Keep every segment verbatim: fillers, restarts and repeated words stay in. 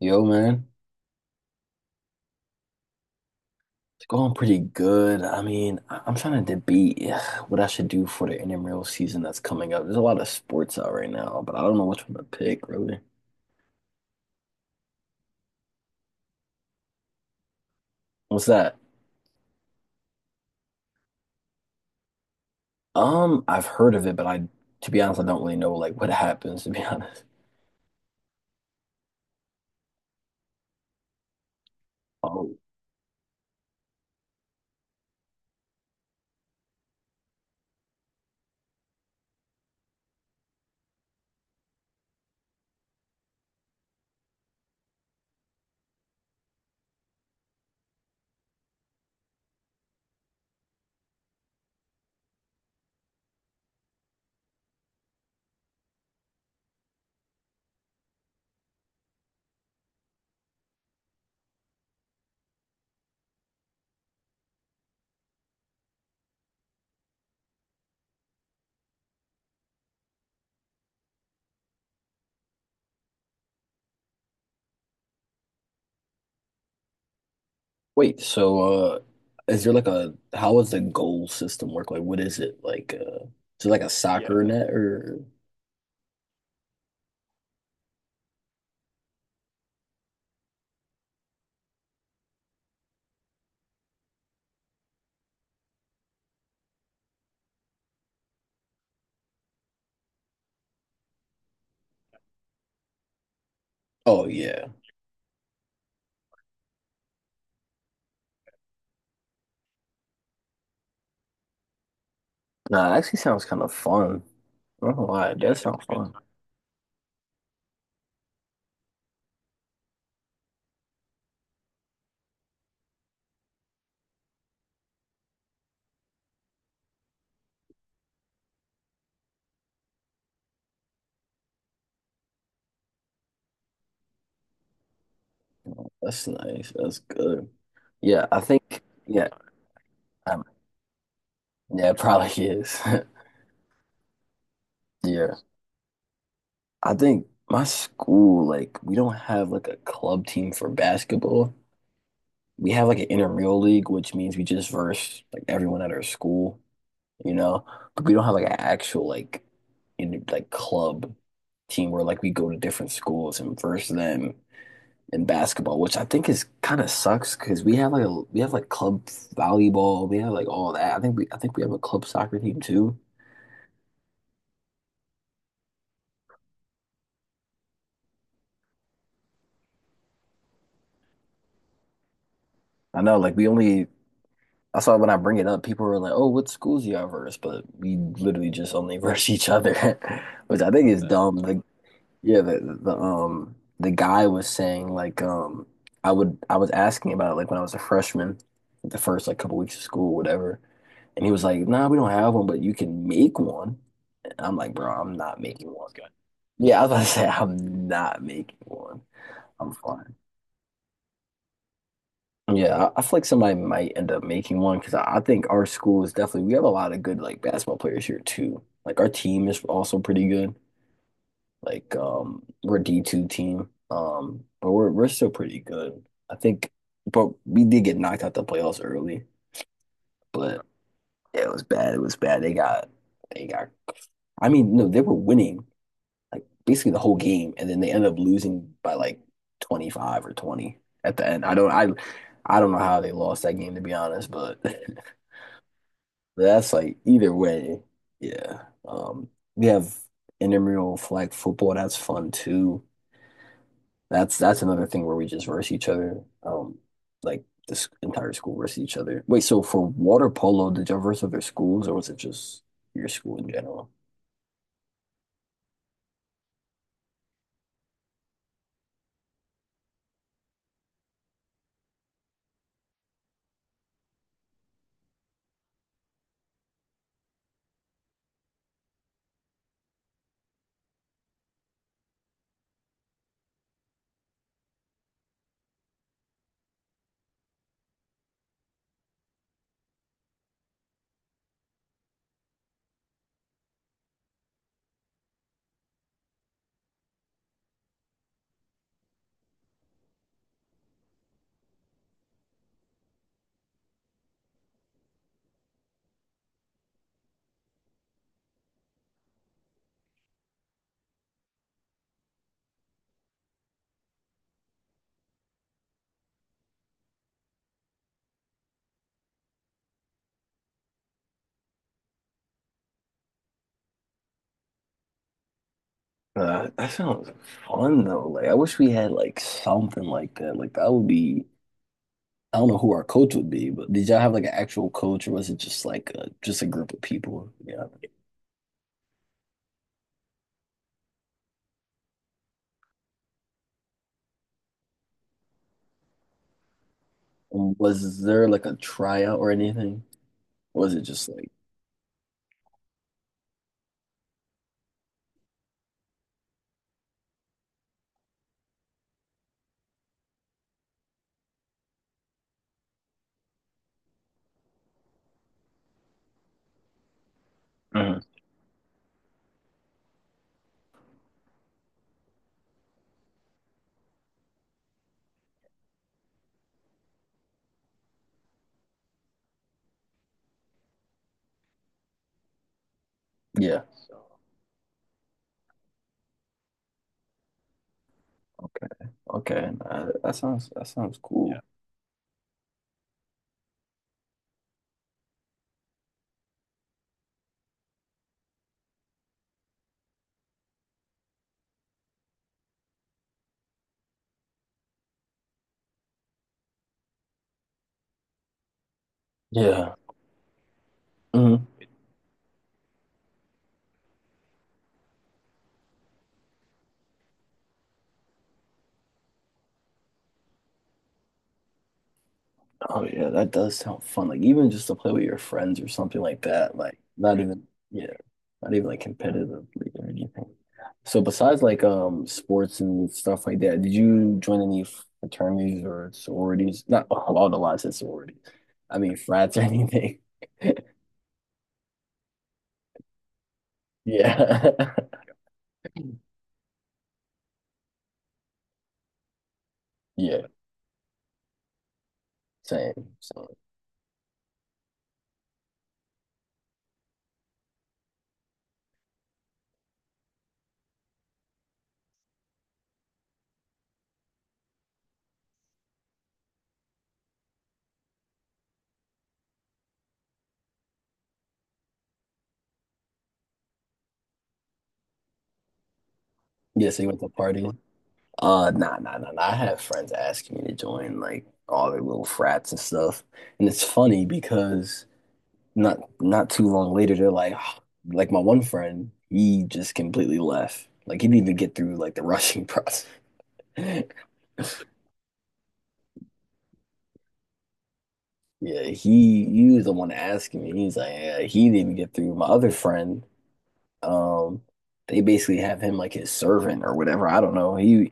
Yo, man, it's going pretty good. I mean, I- I'm trying to debate ugh, what I should do for the intramural season that's coming up. There's a lot of sports out right now, but I don't know which one to pick, really. What's that? Um, I've heard of it, but I, to be honest, I don't really know like what happens, to be honest. Oh, wait, so uh, is there like a, how does the goal system work? Like, what is it? Like, uh, is it like a Yeah. soccer net or? Oh, yeah. Nah, it actually sounds kind of fun. I don't know why. That Yeah, sounds fun. That's nice. That's good. Yeah, I think yeah, um, yeah, it probably is. Yeah. I think my school, like, we don't have like a club team for basketball. We have like an intramural league, which means we just verse like everyone at our school, you know. But we don't have like an actual like in like club team where like we go to different schools and verse them in basketball, which I think is kind of sucks because we have like a we have like club volleyball, we have like all that. I think we I think we have a club soccer team too. I know, like we only I saw when I bring it up, people were like, "Oh, what schools you all verse?" But we literally just only verse each other, which I think is That's dumb. Like, yeah, the, the um the guy was saying like um I would I was asking about it like when I was a freshman, the first like couple weeks of school, whatever, and he was like, "Nah, we don't have one, but you can make one." And I'm like, "Bro, I'm not making one." guy. Yeah, I was about to say I'm not making one. I'm fine. Yeah, I, I feel like somebody might end up making one because I, I think our school is definitely we have a lot of good like basketball players here too. Like our team is also pretty good. Like um we're a D two team. Um but we're we're still pretty good. I think but we did get knocked out the playoffs early. But yeah, it was bad. It was bad. They got they got I mean, no, they were winning like basically the whole game, and then they end up losing by like twenty-five or twenty at the end. I don't I I don't know how they lost that game to be honest, but that's like either way, yeah. Um, we have intramural flag football. That's fun too. That's that's another thing where we just verse each other. Um, like this entire school versus each other. Wait, so for water polo, did y'all verse other schools, or was it just your school in general? Uh, that sounds fun though. Like I wish we had like something like that. Like that would be I don't know who our coach would be, but did y'all have like an actual coach or was it just like a just a group of people? Yeah. And Was there like a tryout or anything? Or was it just like Mhm. Yeah. Okay. Okay. Uh, that sounds that sounds Yeah. cool. Yeah. Yeah. Mm. Oh yeah, that does sound fun. Like even just to play with your friends or something like that. Like not even yeah, not even like competitively or anything. So besides like um sports and stuff like that, did you join any fraternities or sororities? Not a lot of lots of sororities. I mean frats or anything. Yeah. Yeah. Same. So yeah, so you went to parties. Uh, nah, nah, nah, nah. I have friends asking me to join like all their little frats and stuff, and it's funny because. Not not too long later, they're like, like my one friend, he just completely left. Like he didn't even get through like the rushing process. Yeah, he he was the one asking me. He's like, yeah, he didn't even get through. My other friend, um, they basically have him like his servant or whatever. I don't know. He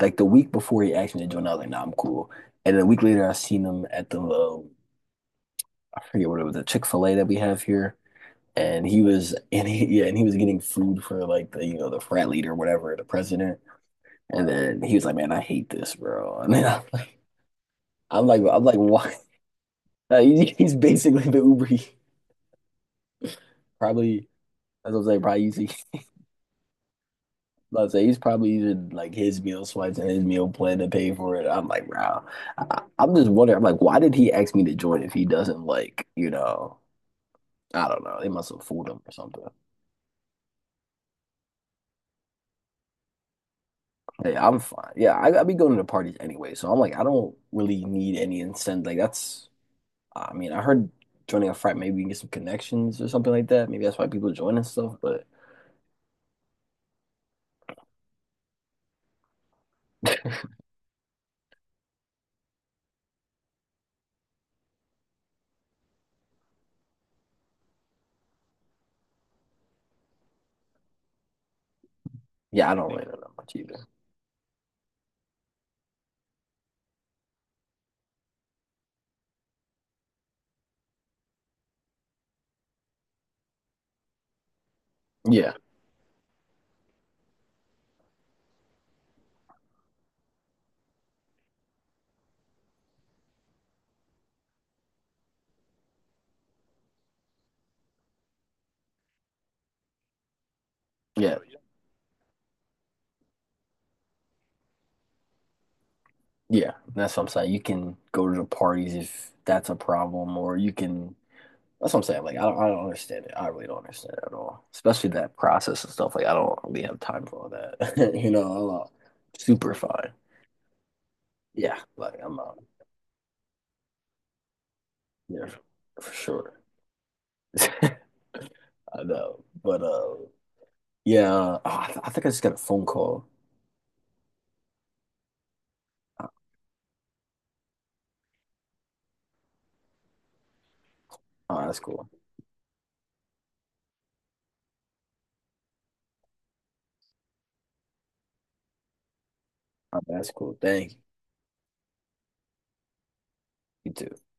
like the week before he asked me to join, I was like, nah, I'm cool. And then a week later, I seen him at the uh, I forget what it was, a Chick-fil-A that we have here. And he was and he yeah and he was getting food for like the you know the frat leader or whatever the president. And then he was like, man, I hate this bro. And then I'm like I'm like I'm like, why? He's basically the Uber Eats. Probably as I was like probably using let's say he's probably using like his meal swipes and his meal plan to pay for it. I'm like, wow, I, I'm just wondering. I'm like, why did he ask me to join if he doesn't like, you know, I don't know, they must have fooled him or something. Hey, I'm fine. Yeah, I, I be going to parties anyway, so I'm like, I don't really need any incentive. Like that's, I mean, I heard joining a frat maybe you can get some connections or something like that. Maybe that's why people join and stuff. But yeah, I don't really know that much either. Yeah, yeah, yeah. That's what I'm saying. You can go to the parties if that's a problem, or you can. That's what I'm saying. Like I don't, I don't understand it. I really don't understand it at all. Especially that process and stuff. Like I don't really have time for all that. You know, I'm uh, super fine. Yeah, like I'm uh, yeah, for sure. I know, but uh, yeah, uh, I, th I think I just got a phone call. Uh, Oh, that's cool. Oh, that's cool. Thank you. You too.